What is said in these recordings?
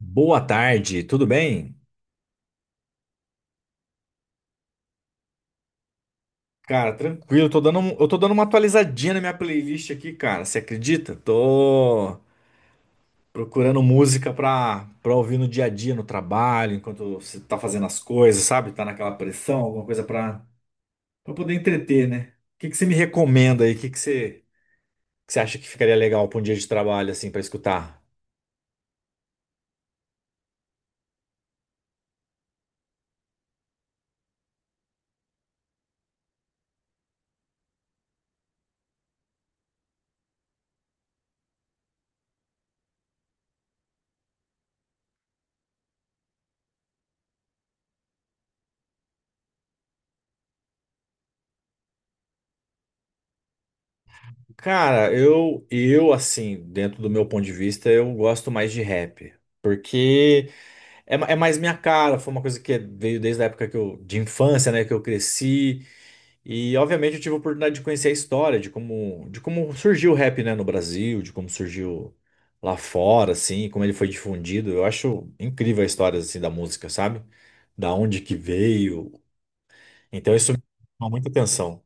Boa tarde, tudo bem? Cara, tranquilo, tô dando, eu tô dando uma atualizadinha na minha playlist aqui, cara. Você acredita? Tô procurando música pra ouvir no dia a dia, no trabalho, enquanto você tá fazendo as coisas, sabe? Tá naquela pressão, alguma coisa pra poder entreter, né? O que que você me recomenda aí? O que que você acha que ficaria legal pra um dia de trabalho, assim, pra escutar? Cara, eu, assim, dentro do meu ponto de vista, eu gosto mais de rap. Porque é, é mais minha cara, foi uma coisa que veio desde a época que eu, de infância, né, que eu cresci. E obviamente eu tive a oportunidade de conhecer a história de como surgiu o rap, né, no Brasil, de como surgiu lá fora, assim, como ele foi difundido. Eu acho incrível a história assim da música, sabe? Da onde que veio. Então isso me chama muita atenção.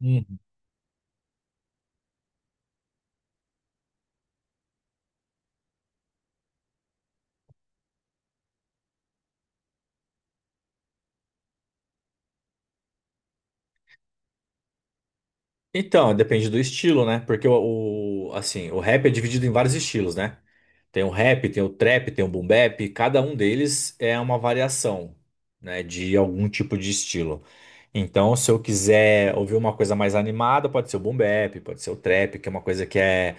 Uhum. Então, depende do estilo, né? Porque assim, o rap é dividido em vários estilos, né? Tem o rap, tem o trap, tem o boom bap, cada um deles é uma variação, né, de algum tipo de estilo. Então, se eu quiser ouvir uma coisa mais animada, pode ser o boom bap, pode ser o trap, que é uma coisa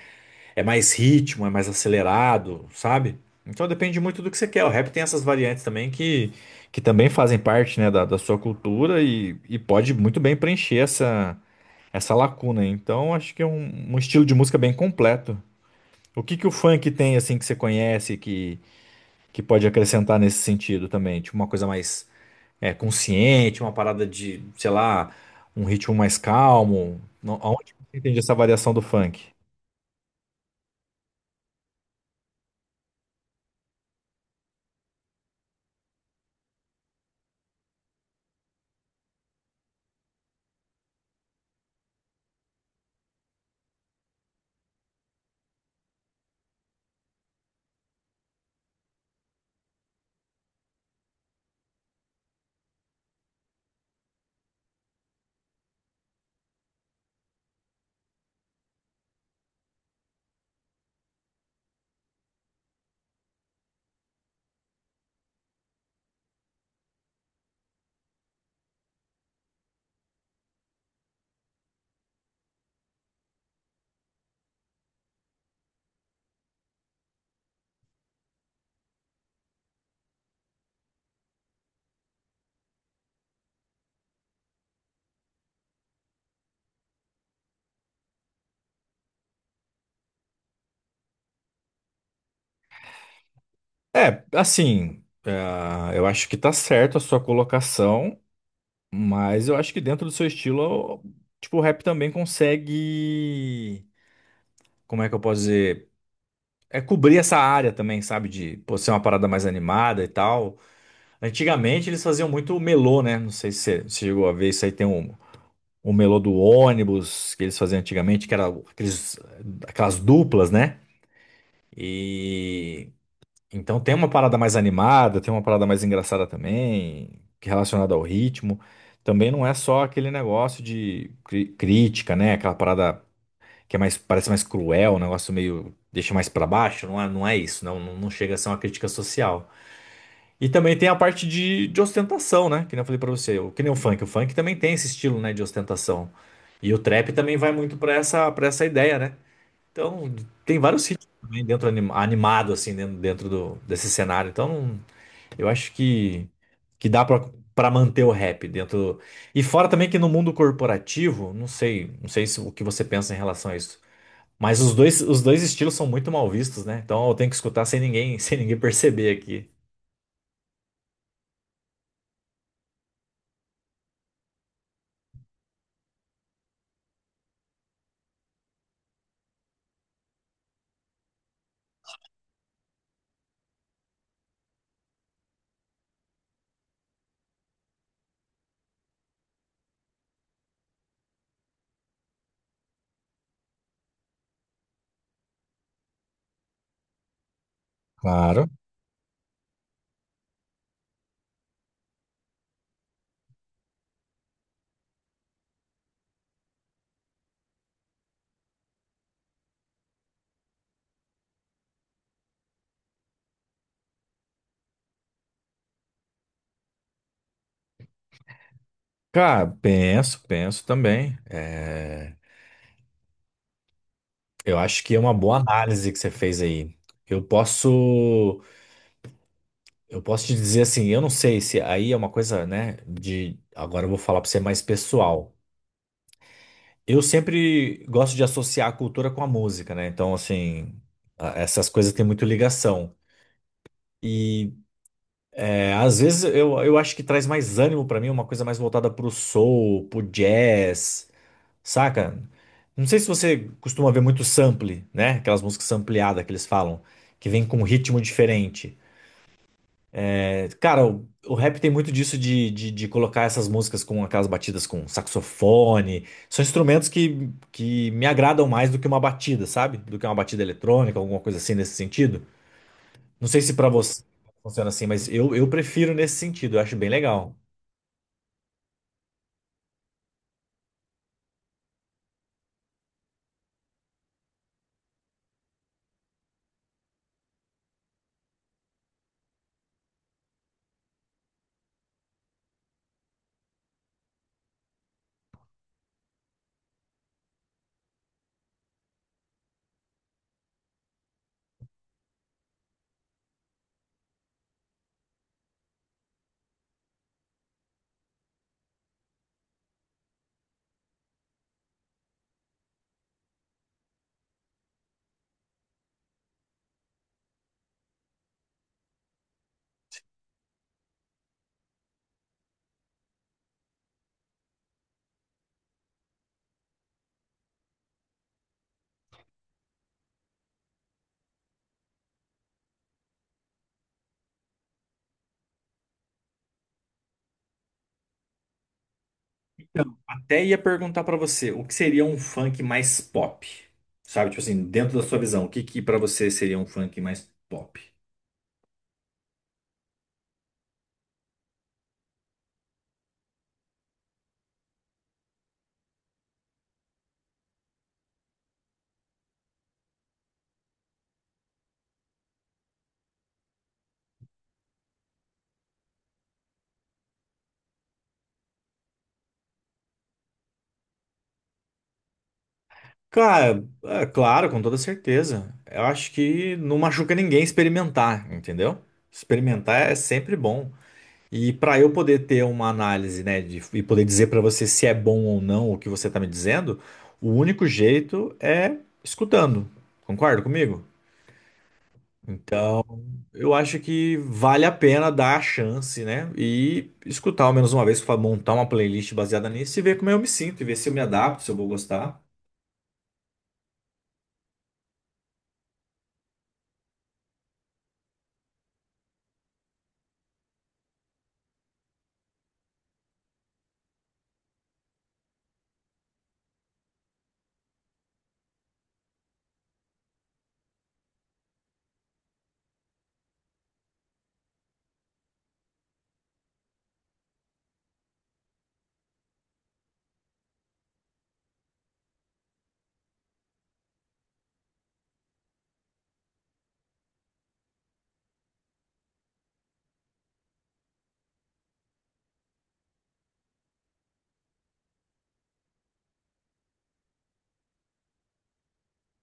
é mais ritmo, é mais acelerado, sabe? Então depende muito do que você quer. O rap tem essas variantes também que também fazem parte, né, da sua cultura e pode muito bem preencher essa lacuna. Então, acho que é um estilo de música bem completo. O que que o funk tem assim que você conhece que pode acrescentar nesse sentido também? Tipo uma coisa mais é, consciente, uma parada de, sei lá, um ritmo mais calmo. Aonde você entende essa variação do funk? É, assim, é, eu acho que tá certo a sua colocação, mas eu acho que dentro do seu estilo, tipo, o rap também consegue, como é que eu posso dizer? É, cobrir essa área também, sabe? De, pô, ser uma parada mais animada e tal. Antigamente eles faziam muito melô, né? Não sei se você se chegou a ver isso aí. Tem um melô do ônibus que eles faziam antigamente, que era aquelas duplas, né? E então tem uma parada mais animada, tem uma parada mais engraçada também, que é relacionada ao ritmo. Também não é só aquele negócio de crítica, né? Aquela parada que é mais, parece mais cruel, um negócio meio deixa mais pra baixo. Não é isso, não chega a ser uma crítica social. E também tem a parte de ostentação, né? Que nem eu falei pra você, que nem o funk. O funk também tem esse estilo, né, de ostentação. E o trap também vai muito para essa ideia, né? Então, tem vários ritmos também dentro animado assim dentro do, desse cenário. Então, eu acho que dá pra para manter o rap dentro. E fora também que no mundo corporativo, não sei, não sei se, o que você pensa em relação a isso. Mas os dois estilos são muito mal vistos, né? Então eu tenho que escutar sem ninguém, sem ninguém perceber aqui. Claro. Cara, penso, penso também. É, eu acho que é uma boa análise que você fez aí. Eu posso, eu posso te dizer assim, eu não sei se aí é uma coisa, né, de agora. Eu vou falar para você mais pessoal. Eu sempre gosto de associar a cultura com a música, né? Então, assim, essas coisas têm muito ligação. E é, às vezes eu acho que traz mais ânimo para mim, uma coisa mais voltada pro soul, pro jazz. Saca? Não sei se você costuma ver muito sample, né? Aquelas músicas sampleadas que eles falam, que vem com um ritmo diferente. É, cara, o rap tem muito disso de colocar essas músicas com aquelas batidas com saxofone. São instrumentos que me agradam mais do que uma batida, sabe? Do que uma batida eletrônica, alguma coisa assim nesse sentido. Não sei se pra você funciona assim, mas eu prefiro nesse sentido, eu acho bem legal. Então, até ia perguntar pra você, o que seria um funk mais pop? Sabe, tipo assim, dentro da sua visão, o que que para você seria um funk mais pop? Cara, é claro, com toda certeza. Eu acho que não machuca ninguém experimentar, entendeu? Experimentar é sempre bom. E para eu poder ter uma análise, né, e poder dizer para você se é bom ou não o que você tá me dizendo, o único jeito é escutando. Concorda comigo? Eu acho que vale a pena dar a chance, né? E escutar ao menos uma vez, montar uma playlist baseada nisso e ver como eu me sinto, e ver se eu me adapto, se eu vou gostar.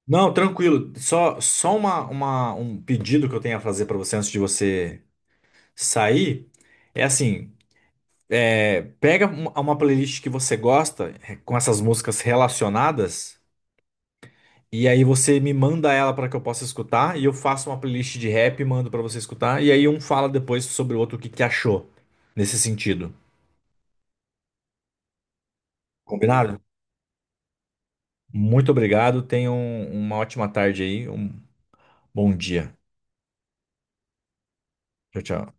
Não, tranquilo. Só, um pedido que eu tenho a fazer pra você antes de você sair é assim: é, pega uma playlist que você gosta, eh, com essas músicas relacionadas. E aí você me manda ela para que eu possa escutar, e eu faço uma playlist de rap e mando para você escutar, e aí um fala depois sobre o outro o que que achou nesse sentido. Combinado? Muito obrigado, tenham uma ótima tarde aí, um bom dia. Tchau, tchau.